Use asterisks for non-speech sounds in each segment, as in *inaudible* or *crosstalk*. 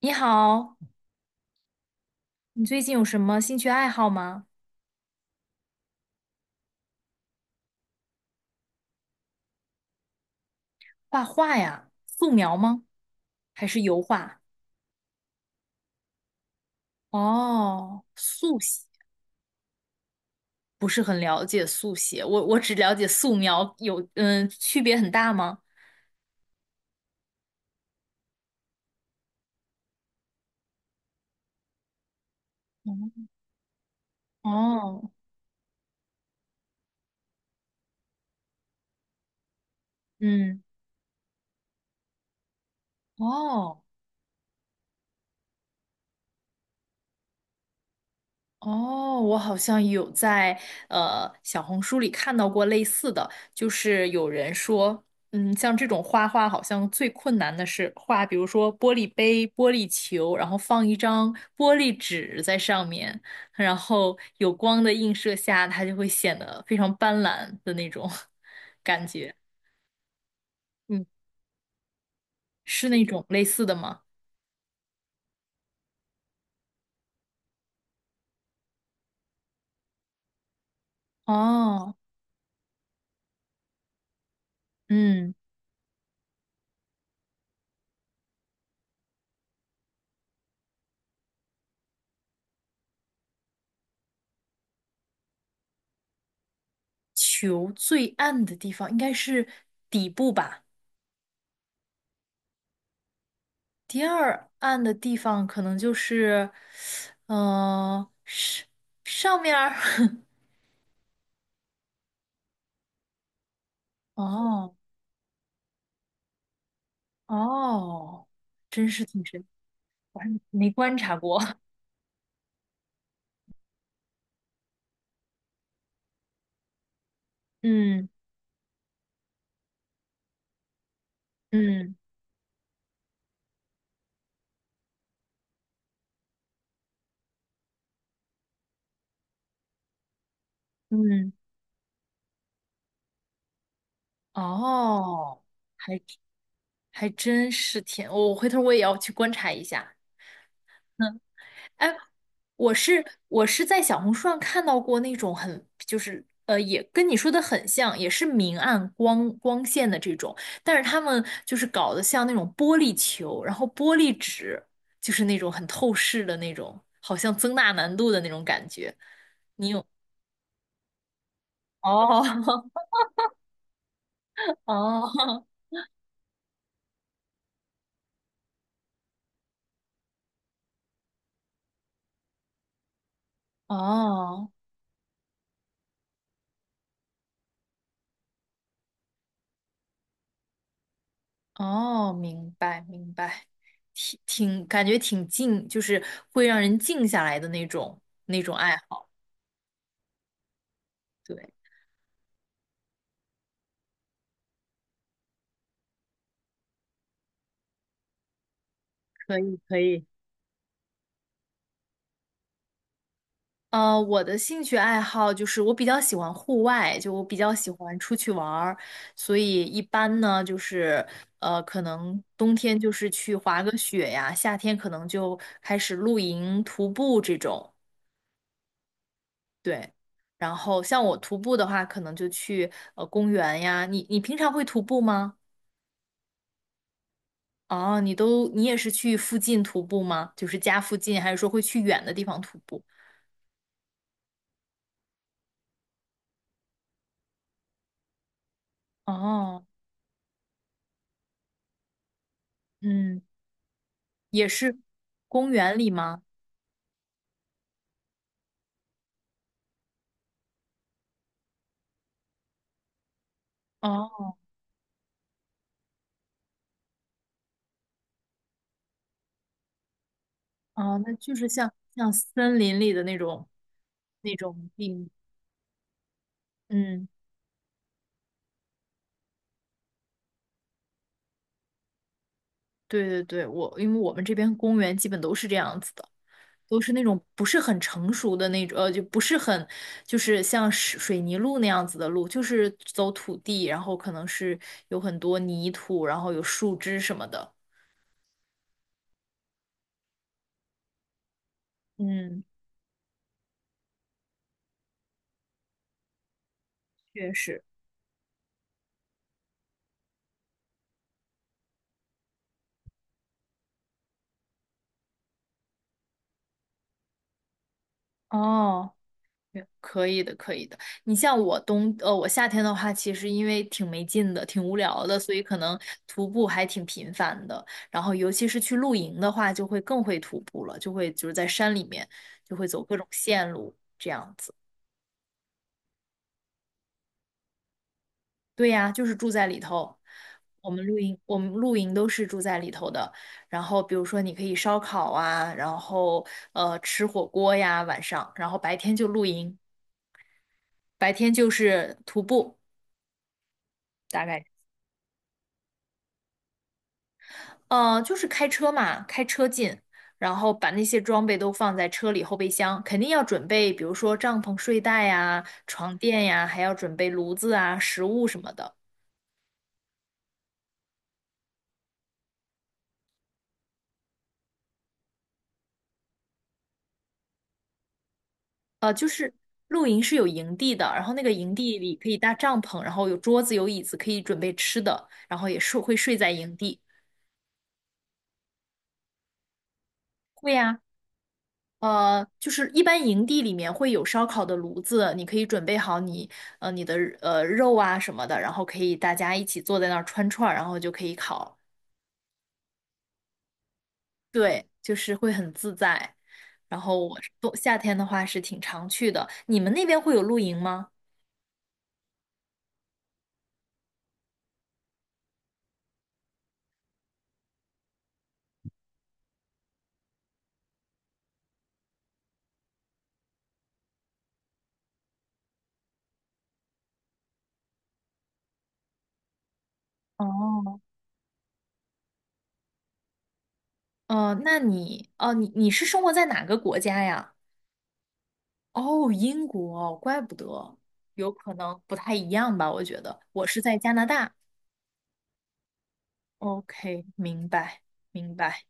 你好，你最近有什么兴趣爱好吗？画画呀，素描吗？还是油画？哦，速写，不是很了解速写，我只了解素描，有嗯，区别很大吗？嗯哦，嗯，哦。哦，我好像有在小红书里看到过类似的，就是有人说，嗯，像这种画画好像最困难的是画，比如说玻璃杯、玻璃球，然后放一张玻璃纸在上面，然后有光的映射下，它就会显得非常斑斓的那种 *laughs* 感觉。嗯，是那种类似的吗？哦，嗯，球最暗的地方应该是底部吧。第二暗的地方可能就是，呃，上面儿，*laughs* 哦哦，真是挺深，我还没观察过。*laughs* 嗯嗯嗯，哦，还还真是挺，我回头我也要去观察一下。*laughs* 哎，我是在小红书上看到过那种很就是呃，也跟你说的很像，也是明暗光线的这种，但是他们就是搞得像那种玻璃球，然后玻璃纸，就是那种很透视的那种，好像增大难度的那种感觉。哦 *laughs* 哦哦哦，明白明白，挺感觉挺静，就是会让人静下来的那种那种爱好。对，可以可以。呃，我的兴趣爱好就是我比较喜欢户外，就我比较喜欢出去玩儿，所以一般呢就是呃，可能冬天就是去滑个雪呀，夏天可能就开始露营、徒步这种，对。然后像我徒步的话，可能就去呃公园呀。你平常会徒步吗？哦，你也是去附近徒步吗？就是家附近，还是说会去远的地方徒步？哦，嗯，也是公园里吗？哦。哦，那就是像森林里的那种那种地，嗯，对对对，我因为我们这边公园基本都是这样子的，都是那种不是很成熟的那种，呃，就不是很就是像水泥路那样子的路，就是走土地，然后可能是有很多泥土，然后有树枝什么的。嗯，确实。哦，可以的，可以的。你像我冬，呃，我夏天的话，其实因为挺没劲的，挺无聊的，所以可能徒步还挺频繁的。然后，尤其是去露营的话，就会更会徒步了，就会就是在山里面，就会走各种线路这样子。对呀，就是住在里头。我们露营都是住在里头的。然后，比如说你可以烧烤啊，然后呃吃火锅呀，晚上，然后白天就露营，白天就是徒步，大概。嗯呃，就是开车嘛，开车进，然后把那些装备都放在车里后备箱，肯定要准备，比如说帐篷、睡袋呀、床垫呀，还要准备炉子啊、食物什么的。呃，就是露营是有营地的，然后那个营地里可以搭帐篷，然后有桌子、有椅子，可以准备吃的，然后也是会睡在营地。会呀、呃，就是一般营地里面会有烧烤的炉子，你可以准备好你你的肉啊什么的，然后可以大家一起坐在那儿串串儿，然后就可以烤。对，就是会很自在。然后我是冬夏天的话是挺常去的。你们那边会有露营吗？哦，呃，那你哦，你你是生活在哪个国家呀？哦，英国，怪不得，有可能不太一样吧，我觉得。我是在加拿大。OK，明白，明白。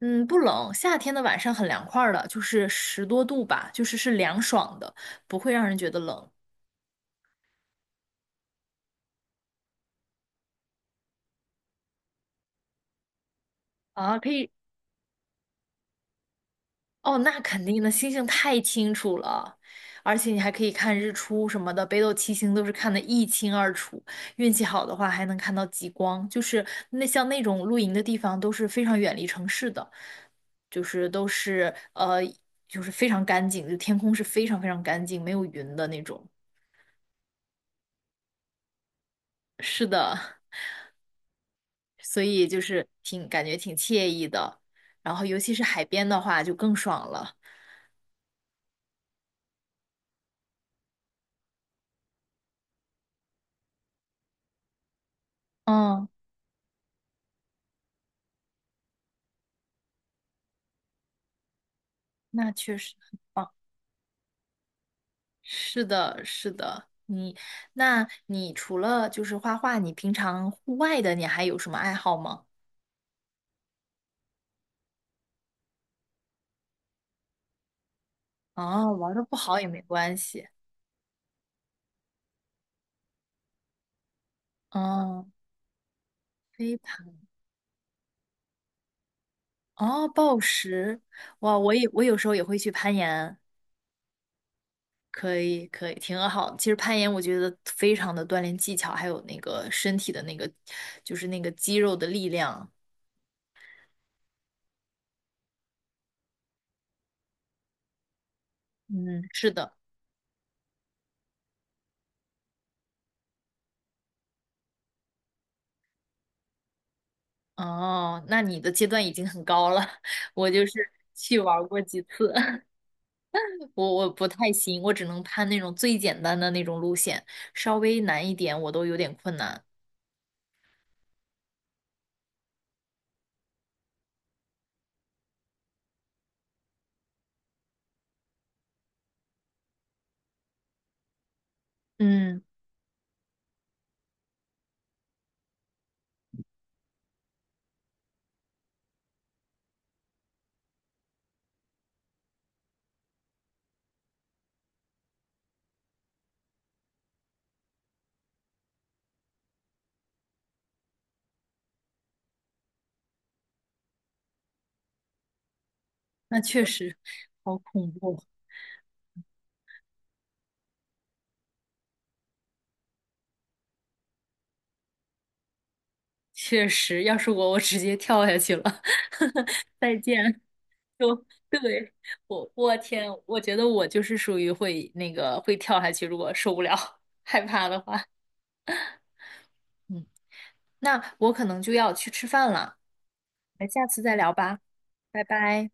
嗯，不冷，夏天的晚上很凉快儿的，就是10多度吧，就是是凉爽的，不会让人觉得冷啊。可以，哦，那肯定的，星星太清楚了，而且你还可以看日出什么的，北斗七星都是看得一清二楚，运气好的话还能看到极光。就是那像那种露营的地方都是非常远离城市的，就是都是呃，就是非常干净，就天空是非常非常干净，没有云的那种。是的。所以就是挺感觉挺惬意的。然后尤其是海边的话，就更爽了。嗯，那确实很棒。是的，是的。你，那你除了就是画画，你平常户外的你还有什么爱好吗？哦，玩的不好也没关系。嗯，飞盘，哦，暴食，哇，我有时候也会去攀岩。可以，可以，挺好。其实攀岩，我觉得非常的锻炼技巧，还有那个身体的那个，就是那个肌肉的力量。嗯，是的。哦，那你的阶段已经很高了，*laughs* 我就是去玩儿过几次，*laughs* 我不太行，我只能攀那种最简单的那种路线，稍微难一点我都有点困难。嗯，那确实好恐怖，确实，要是我，我直接跳下去了。*laughs* 再见。就 *laughs* 对我，我天，我觉得我就是属于会那个会跳下去，如果受不了、*laughs* 害怕的话。嗯，那我可能就要去吃饭了，那下次再聊吧，拜拜。